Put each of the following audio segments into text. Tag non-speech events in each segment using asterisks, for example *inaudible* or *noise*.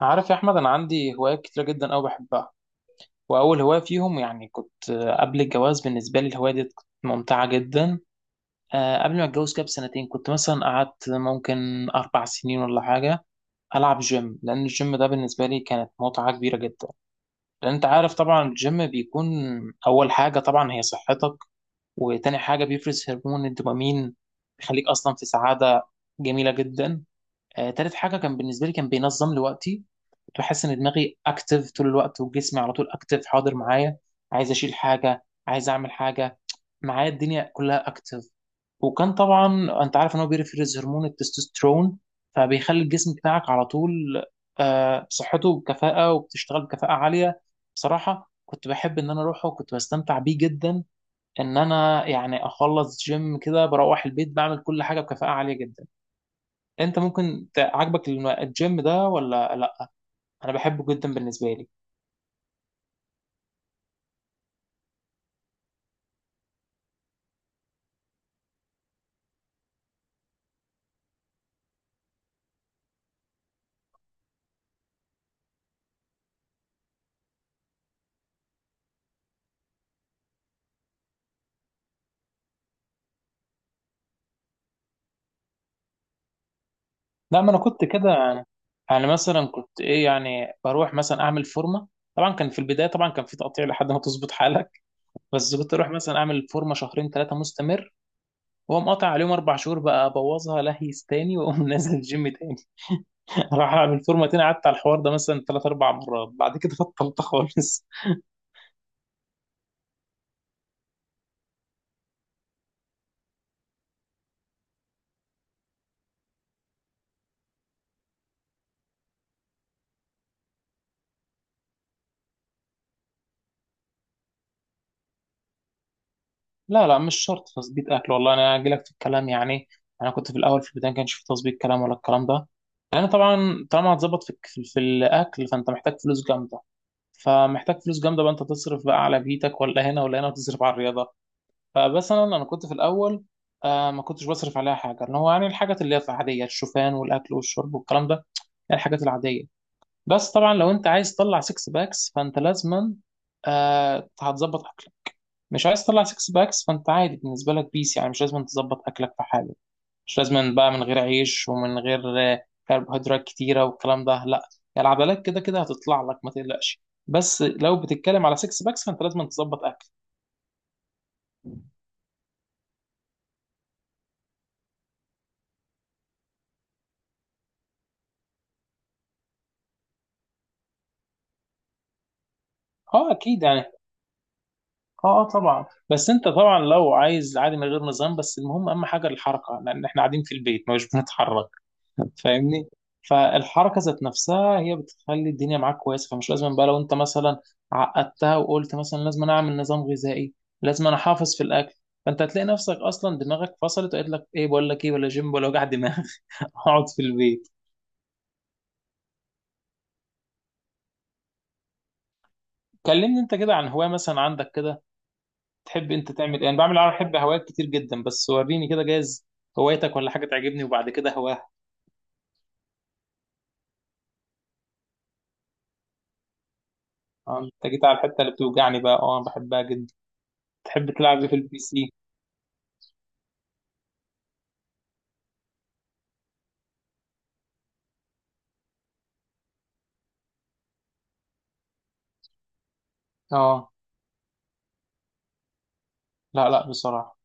عارف يا احمد، انا عندي هوايات كتيره جدا قوي بحبها. واول هوايه فيهم يعني كنت آه، قبل الجواز بالنسبه لي الهوايه دي كانت ممتعه جدا. قبل ما اتجوز كده بسنتين كنت مثلا قعدت ممكن 4 سنين ولا حاجه العب جيم، لان الجيم ده بالنسبه لي كانت متعه كبيره جدا. لان انت عارف طبعا الجيم بيكون اول حاجه طبعا هي صحتك، وتاني حاجه بيفرز هرمون الدوبامين بيخليك اصلا في سعاده جميله جدا. تالت حاجة كان بالنسبة لي كان بينظم لي وقتي. كنت بحس إن دماغي أكتف طول الوقت وجسمي على طول أكتف حاضر معايا، عايز أشيل حاجة، عايز أعمل حاجة، معايا الدنيا كلها أكتف. وكان طبعا أنت عارف إن هو بيفرز هرمون التستوستيرون، فبيخلي الجسم بتاعك على طول صحته بكفاءة وبتشتغل بكفاءة عالية. بصراحة كنت بحب إن أنا أروحه وكنت بستمتع بيه جدا، إن أنا يعني أخلص جيم كده بروح البيت بعمل كل حاجة بكفاءة عالية جدا. انت ممكن عاجبك الجيم ده ولا لا؟ انا بحبه جدا بالنسبه لي. لا، ما انا كنت كده يعني. يعني مثلا كنت ايه، يعني بروح مثلا اعمل فورمه. طبعا كان في البدايه، طبعا كان في تقطيع لحد ما تظبط حالك، بس كنت اروح مثلا اعمل فورمه شهرين ثلاثه مستمر، واقوم قاطع عليهم اربع شهور بقى ابوظها لهيس تاني، واقوم *laughs* نازل الجيم تاني. *laughs* اروح اعمل فورمه تاني. قعدت على الحوار ده مثلا ثلاث اربع مرات، بعد كده بطلت خالص. لا لا، مش شرط تظبيط اكل، والله انا اجي لك في الكلام يعني. انا كنت في الاول، في البدايه ما كانش في تظبيط كلام ولا الكلام ده، لان طبعا طالما هتظبط في في الاكل فانت محتاج فلوس جامده. فمحتاج فلوس جامده بقى، انت تصرف بقى على بيتك ولا هنا ولا هنا وتصرف على الرياضه. فمثلا انا كنت في الاول، آه ما كنتش بصرف عليها حاجه، ان هو يعني الحاجات اللي هي العاديه، الشوفان والاكل والشرب والكلام ده، يعني الحاجات العاديه. بس طبعا لو انت عايز تطلع سكس باكس فانت لازما هتظبط. مش عايز تطلع سكس باكس فانت عادي، بالنسبه لك بيس، يعني مش لازم تظبط اكلك في حاله. مش لازم بقى من غير عيش ومن غير كربوهيدرات كتيره والكلام ده، لا، يعني العضلات كده كده هتطلع لك ما تقلقش. بس لو بتتكلم على سكس باكس فانت لازم تظبط اكل. اه اكيد يعني. اه اه طبعا، بس انت طبعا لو عايز عادي من غير نظام، بس المهم اهم حاجه الحركه، لان احنا قاعدين في البيت مش بنتحرك. فاهمني؟ فالحركه ذات نفسها هي بتخلي الدنيا معاك كويسه، فمش لازم بقى. لو انت مثلا عقدتها وقلت مثلا لازم أنا اعمل نظام غذائي، لازم انا احافظ في الاكل، فانت هتلاقي نفسك اصلا دماغك فصلت وقالت لك ايه، بقول لك ايه، ولا جيم ولا وجع دماغ *laughs* اقعد في البيت. كلمني انت كده عن هوايه مثلا عندك كده. تحب انت تعمل ايه؟ انا بعمل، انا بحب هوايات كتير جدا، بس وريني كده جايز هوايتك ولا حاجه تعجبني وبعد كده هواها. اه، انت جيت على الحته اللي بتوجعني بقى، اه بحبها جدا. تحب تلعب إيه في البي سي؟ اه، لا لا بصراحه،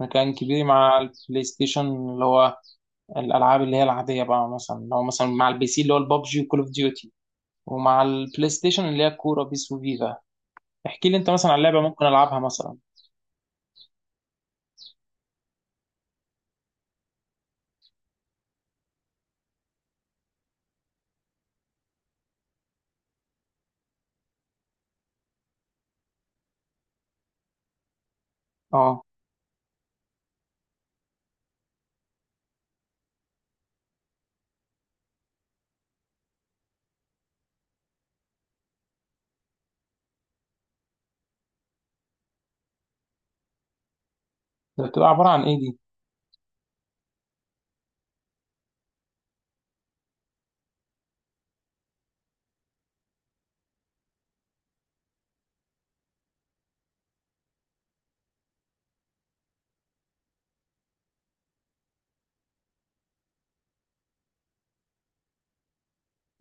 مكان كبير مع البلاي ستيشن، اللي هو الالعاب اللي هي العاديه بقى، مثلا اللي هو مثلا مع البي سي اللي هو البابجي وكول اوف ديوتي، ومع البلاي ستيشن اللي هي الكوره بيس وفيفا. احكي لي انت مثلا عن لعبه ممكن العبها مثلا. اه، ده بتبقى عباره عن ايه دي؟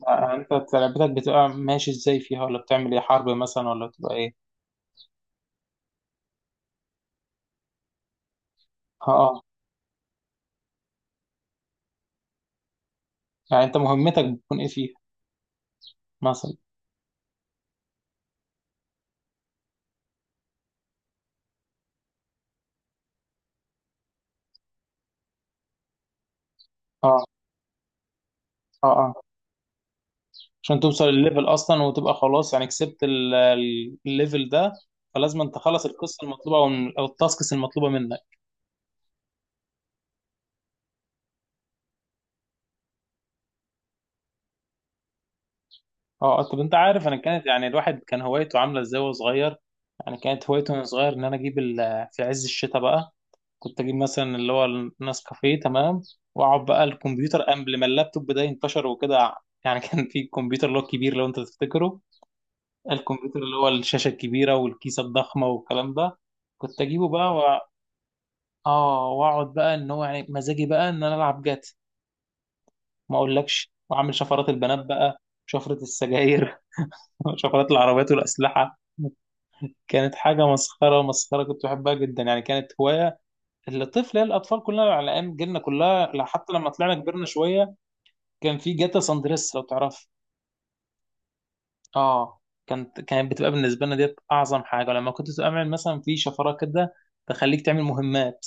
يعني انت لعبتك بتبقى ماشي ازاي فيها، ولا بتعمل ايه، حرب مثلا ولا بتبقى ايه؟ اه اه. يعني انت مهمتك بتكون ايه فيها؟ مثلا. اه اه اه. عشان توصل الليفل اصلا وتبقى خلاص يعني كسبت الليفل ده، فلازم انت تخلص القصه المطلوبه او أو التاسكس المطلوبه منك. اه، طب انت عارف انا كانت يعني الواحد كان هوايته عامله ازاي وهو صغير؟ يعني كانت هوايته وانا صغير ان انا اجيب في عز الشتاء بقى كنت اجيب مثلا اللي هو النسكافيه، تمام؟ واقعد بقى الكمبيوتر قبل ما اللابتوب ده ينتشر وكده، يعني *laughs* كان في الكمبيوتر اللي هو الكبير لو انت تفتكره. الكمبيوتر اللي هو الشاشه الكبيره والكيسه الضخمه والكلام ده، كنت اجيبه بقى و... اه واقعد بقى ان هو يعني مزاجي بقى ان انا العب جات، ما اقولكش، واعمل شفرات البنات بقى، شفره السجاير، *laughs* شفرات العربيات والاسلحه. كانت حاجة مسخرة مسخرة، كنت بحبها جدا. يعني كانت هواية الأطفال كلها على أيام جيلنا كلها، لا، حتى لما طلعنا كبرنا شوية كان في جاتا ساندريس لو تعرف. اه، كانت بتبقى بالنسبة لنا ديت أعظم حاجة، لما كنت تعمل مثلا في شفرات كده تخليك تعمل مهمات،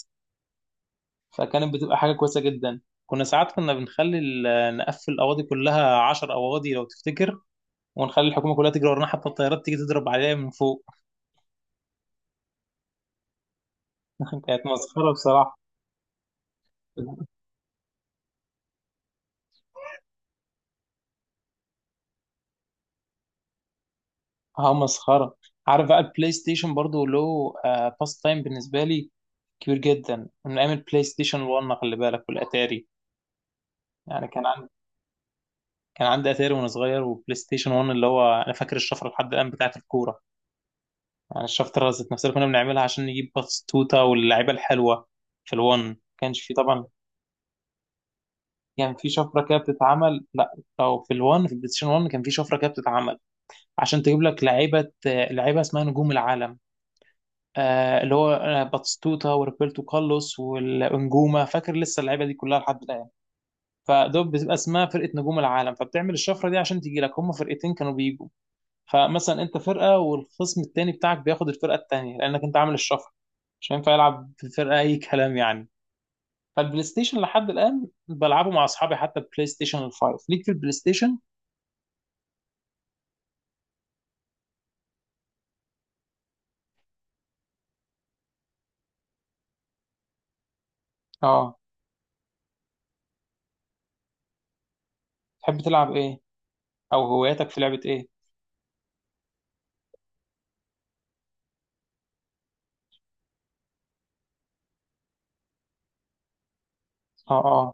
فكانت بتبقى حاجة كويسة جدا. كنا ساعات بنخلي نقفل الأواضي كلها 10 أواضي لو تفتكر، ونخلي الحكومة كلها تجري ورانا، حتى الطيارات تيجي تضرب عليها من فوق. *laughs* كانت مسخرة بصراحة. اه مسخره. عارف بقى البلاي ستيشن برضو له باس تايم بالنسبه لي كبير جدا، من ايام البلاي ستيشن 1 خلي بالك والاتاري. يعني كان عندي اتاري وانا صغير، وبلاي ستيشن 1 اللي هو انا فاكر الشفره لحد الان بتاعت الكوره. يعني الشفره ذات نفسها اللي كنا بنعملها عشان نجيب باتستوتا واللعيبه الحلوه. في الون ما كانش في طبعا، كان في شفره كده بتتعمل، لا، او في الون في البلاي ستيشن 1 كان في شفره كده بتتعمل عشان تجيب لك لعيبه، لعيبه اسمها نجوم العالم، اللي هو باتستوتا وروبرتو كارلوس والانجوما، فاكر لسه اللعيبه دي كلها لحد الان. فدول بتبقى اسمها فرقه نجوم العالم، فبتعمل الشفره دي عشان تيجي لك، هم فرقتين كانوا بيجوا، فمثلا انت فرقه والخصم التاني بتاعك بياخد الفرقه التانيه، لانك انت عامل الشفره مش هينفع يلعب في فرقه اي كلام يعني. فالبلاي ستيشن لحد الان بلعبه مع اصحابي، حتى بلاي ستيشن الفايف ليك في البلاي ستيشن. اه، تحب تلعب ايه؟ او هواياتك في لعبه ايه؟ اه،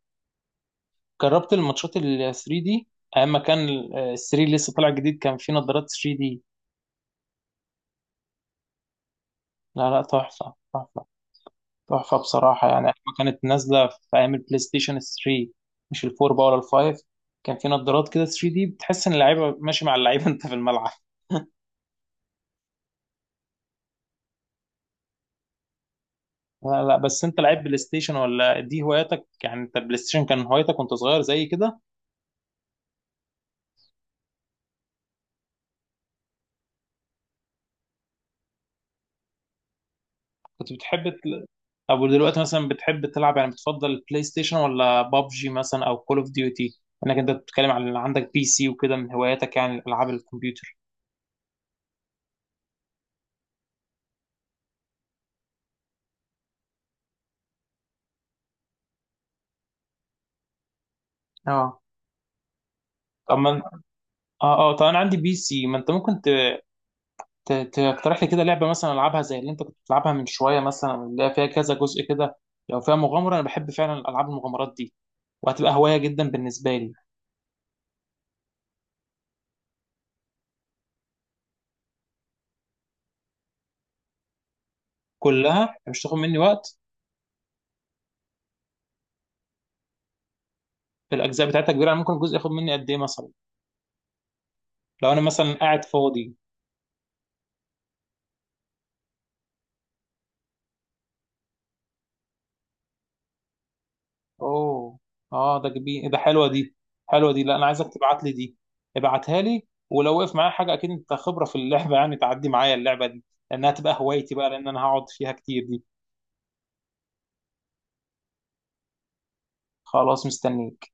جربت الماتشات ال 3 دي، ايام ما كان ال 3 لسه طالع جديد كان في نظارات 3 دي. لا لا، تحفه تحفه. تحفه بصراحه، يعني ايام ما كانت نازله في ايام البلاي ستيشن 3، مش الفور بقى ولا الفايف، كان في نظارات كده 3 دي بتحس ان اللعيبه ماشي مع اللعيبه *laughs* انت في الملعب. لا لا، بس انت لعيب بلاي ستيشن ولا دي هواياتك؟ يعني انت بلاي ستيشن كان هوايتك وانت صغير زي كده؟ كنت بتحب تل... او دلوقتي مثلا بتحب تلعب، يعني بتفضل بلاي ستيشن ولا بابجي مثلا او كول اوف ديوتي؟ انك انت بتتكلم عن اللي عندك بي سي وكده من هواياتك، يعني العاب الكمبيوتر. اه طب ما اه اه، طب انا عندي بي سي، ما انت ممكن تقترح لي كده لعبه مثلا العبها زي اللي انت كنت بتلعبها من شويه، مثلا اللي هي فيها كذا جزء كده، لو فيها مغامره انا بحب فعلا العاب المغامرات دي، وهتبقى هوايه جدا بالنسبه لي. كلها مش تاخد مني وقت؟ الاجزاء بتاعتها كبيره، يعني ممكن الجزء ياخد مني قد ايه مثلا لو انا مثلا قاعد فاضي؟ اوه، اه ده جميل، إيه ده، حلوه دي، حلوه دي، لا انا عايزك تبعت لي دي. ابعتها لي، ولو وقف معايا حاجه اكيد انت خبره في اللعبه، يعني تعدي معايا اللعبه دي، لانها تبقى هوايتي بقى لان انا هقعد فيها كتير دي. خلاص، مستنيك.